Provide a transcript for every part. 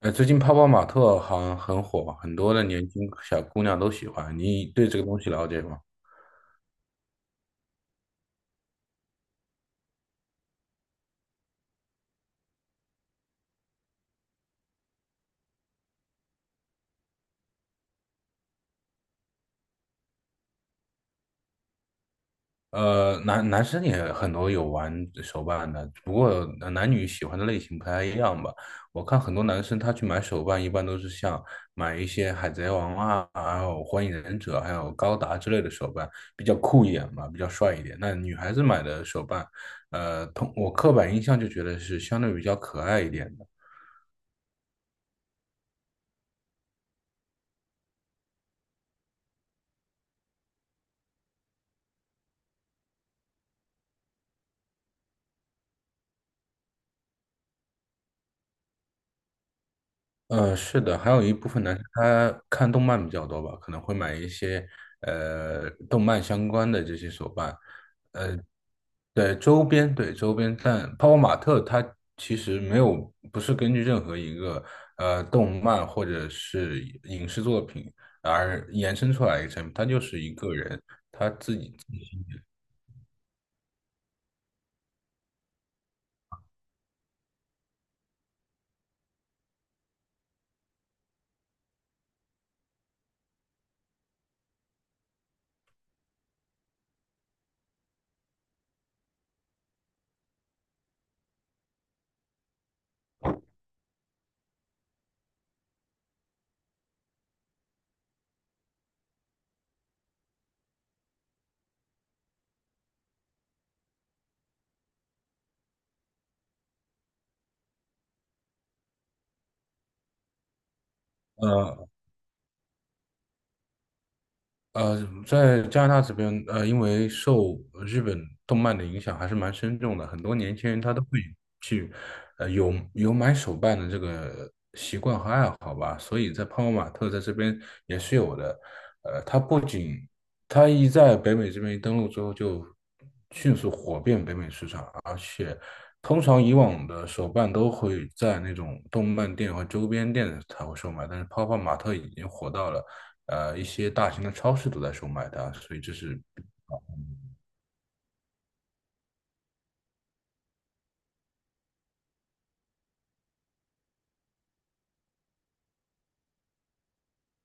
最近泡泡玛特好像很火，很多的年轻小姑娘都喜欢。你对这个东西了解吗？男生也很多有玩手办的，不过男女喜欢的类型不太一样吧。我看很多男生他去买手办，一般都是像买一些海贼王啊，还有火影忍者，还有高达之类的手办，比较酷一点嘛，比较帅一点。那女孩子买的手办，我刻板印象就觉得是相对比较可爱一点的。呃，是的，还有一部分男生他看动漫比较多吧，可能会买一些动漫相关的这些手办。呃，对周边，对周边。但泡泡玛特它其实没有，不是根据任何一个动漫或者是影视作品而延伸出来一个产品，它就是一个人，呃。在加拿大这边，因为受日本动漫的影响还是蛮深重的，很多年轻人他都会去，有买手办的这个习惯和爱好吧，所以在泡泡玛特在这边也是有的。它不仅它一在北美这边一登陆之后就迅速火遍北美市场，而且通常以往的手办都会在那种动漫店和周边店才会售卖，但是泡泡玛特已经火到了。一些大型的超市都在售卖它，所以这是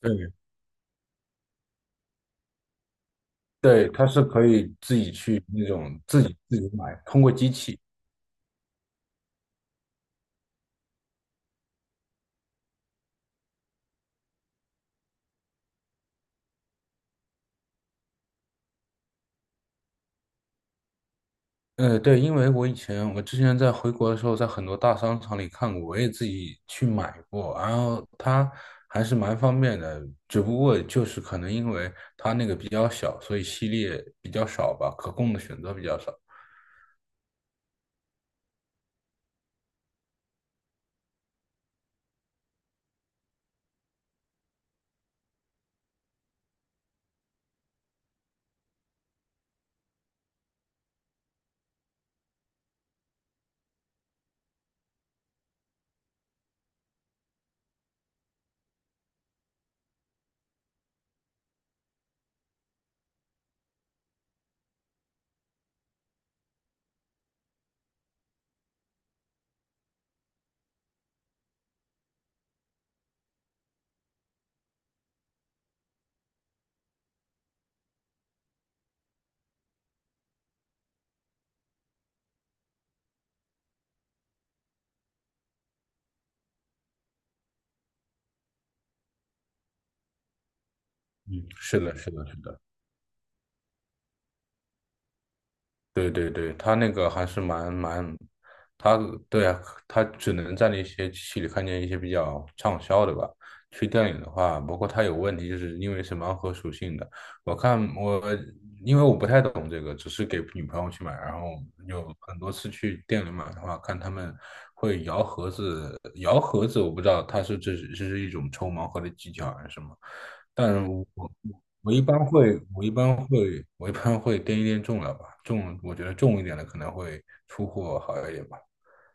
对，对，它是可以自己去那种自己买，通过机器。对，因为我之前在回国的时候，在很多大商场里看过，我也自己去买过，然后它还是蛮方便的，只不过就是可能因为它那个比较小，所以系列比较少吧，可供的选择比较少。嗯，是的，是的，是的。对对对，他那个还是蛮，他对啊，他只能在那些机器里看见一些比较畅销的吧。去电影的话，包括他有问题，就是因为是盲盒属性的。我看我因为我不太懂这个，只是给女朋友去买，然后有很多次去店里买的话，看他们会摇盒子，摇盒子我不知道他是这是一种抽盲盒的技巧还是什么，但是我我一般会掂一掂重量吧，重，我觉得重一点的可能会出货好一点吧。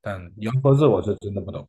但洋盒子我是真的不懂。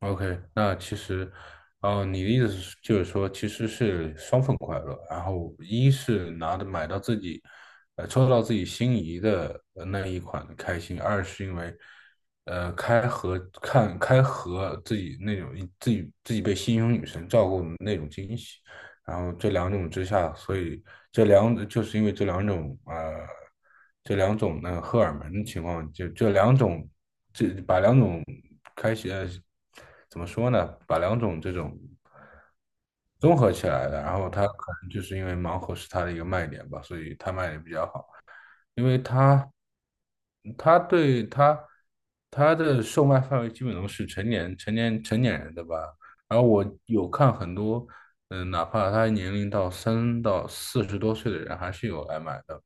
OK,那其实，哦、你的意思是就是说，其实是双份快乐。然后，一是拿的买到自己，抽到自己心仪的那一款的开心；二是因为，开盒自己那种自己被心仪女神照顾的那种惊喜。然后这两种之下，所以这两就是因为这两种那个荷尔蒙的情况，就这两种，这把两种开始怎么说呢？把两种这种综合起来的，然后它可能就是因为盲盒是它的一个卖点吧，所以它卖的比较好。因为他他对他他的售卖范围基本都是成年人的吧。然后我有看很多，嗯、哪怕他年龄到3到40多岁的人，还是有来买的。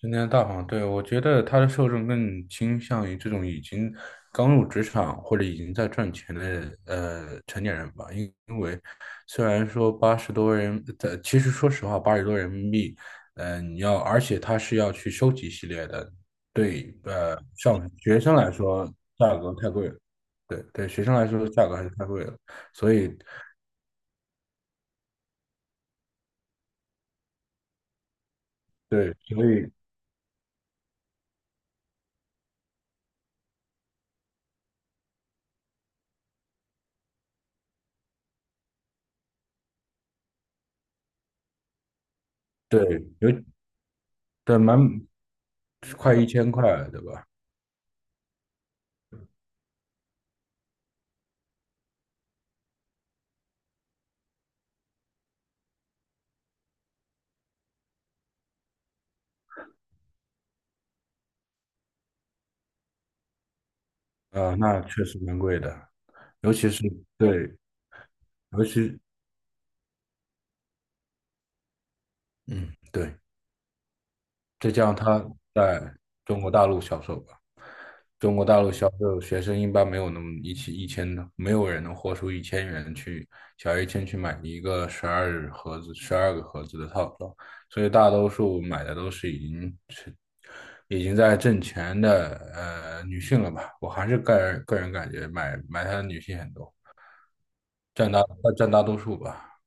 今天大黄，对，我觉得他的受众更倾向于这种已经刚入职场或者已经在赚钱的成年人吧，因为虽然说八十多人，其实说实话，80多人民币，你要，而且他是要去收集系列的，对，上学生来说价格太贵了，对对，学生来说价格还是太贵了，所以对，所以对，有对蛮快1000块，对吧？啊，那确实蛮贵的，尤其是对，尤其嗯对，再加上它在中国大陆销售吧，中国大陆销售学生一般没有那么一起一千的，没有人能豁出1000元去小1000去买一个12盒子、12个盒子的套装，所以大多数买的都是已经在挣钱的女性了吧，我还是个人感觉买它的女性很多，占大占大多数吧。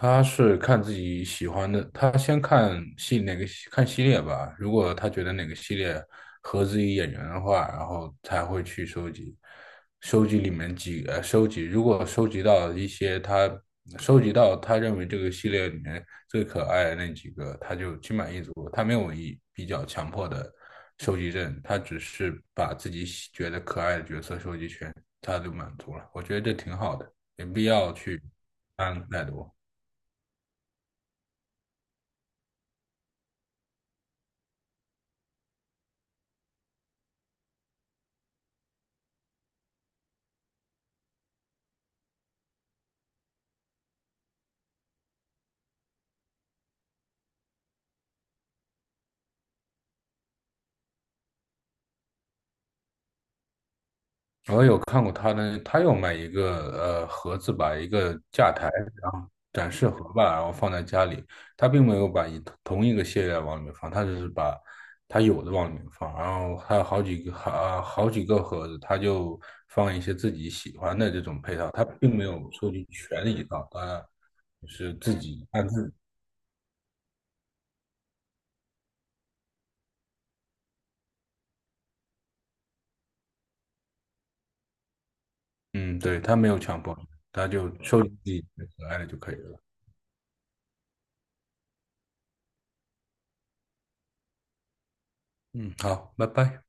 他是看自己喜欢的，他先看系哪个系看系列吧。如果他觉得哪个系列合自己眼缘的话，然后才会去收集，收集里面几呃收集。如果收集到一些他收集到他认为这个系列里面最可爱的那几个，他就心满意足。他没有比较强迫的收集症，他只是把自己觉得可爱的角色收集全，他就满足了。我觉得这挺好的，没必要去贪太多。我有看过他的，他有买一个盒子吧，一个架台，然后展示盒吧，然后放在家里。他并没有把一同一个系列往里面放，他只是把他有的往里面放，然后还有好几个好呃好几个盒子，他就放一些自己喜欢的这种配套，他并没有收集全一套，他就是自己嗯，对，他没有强迫你，他就收集自己最可爱的就可以了。嗯，好，拜拜。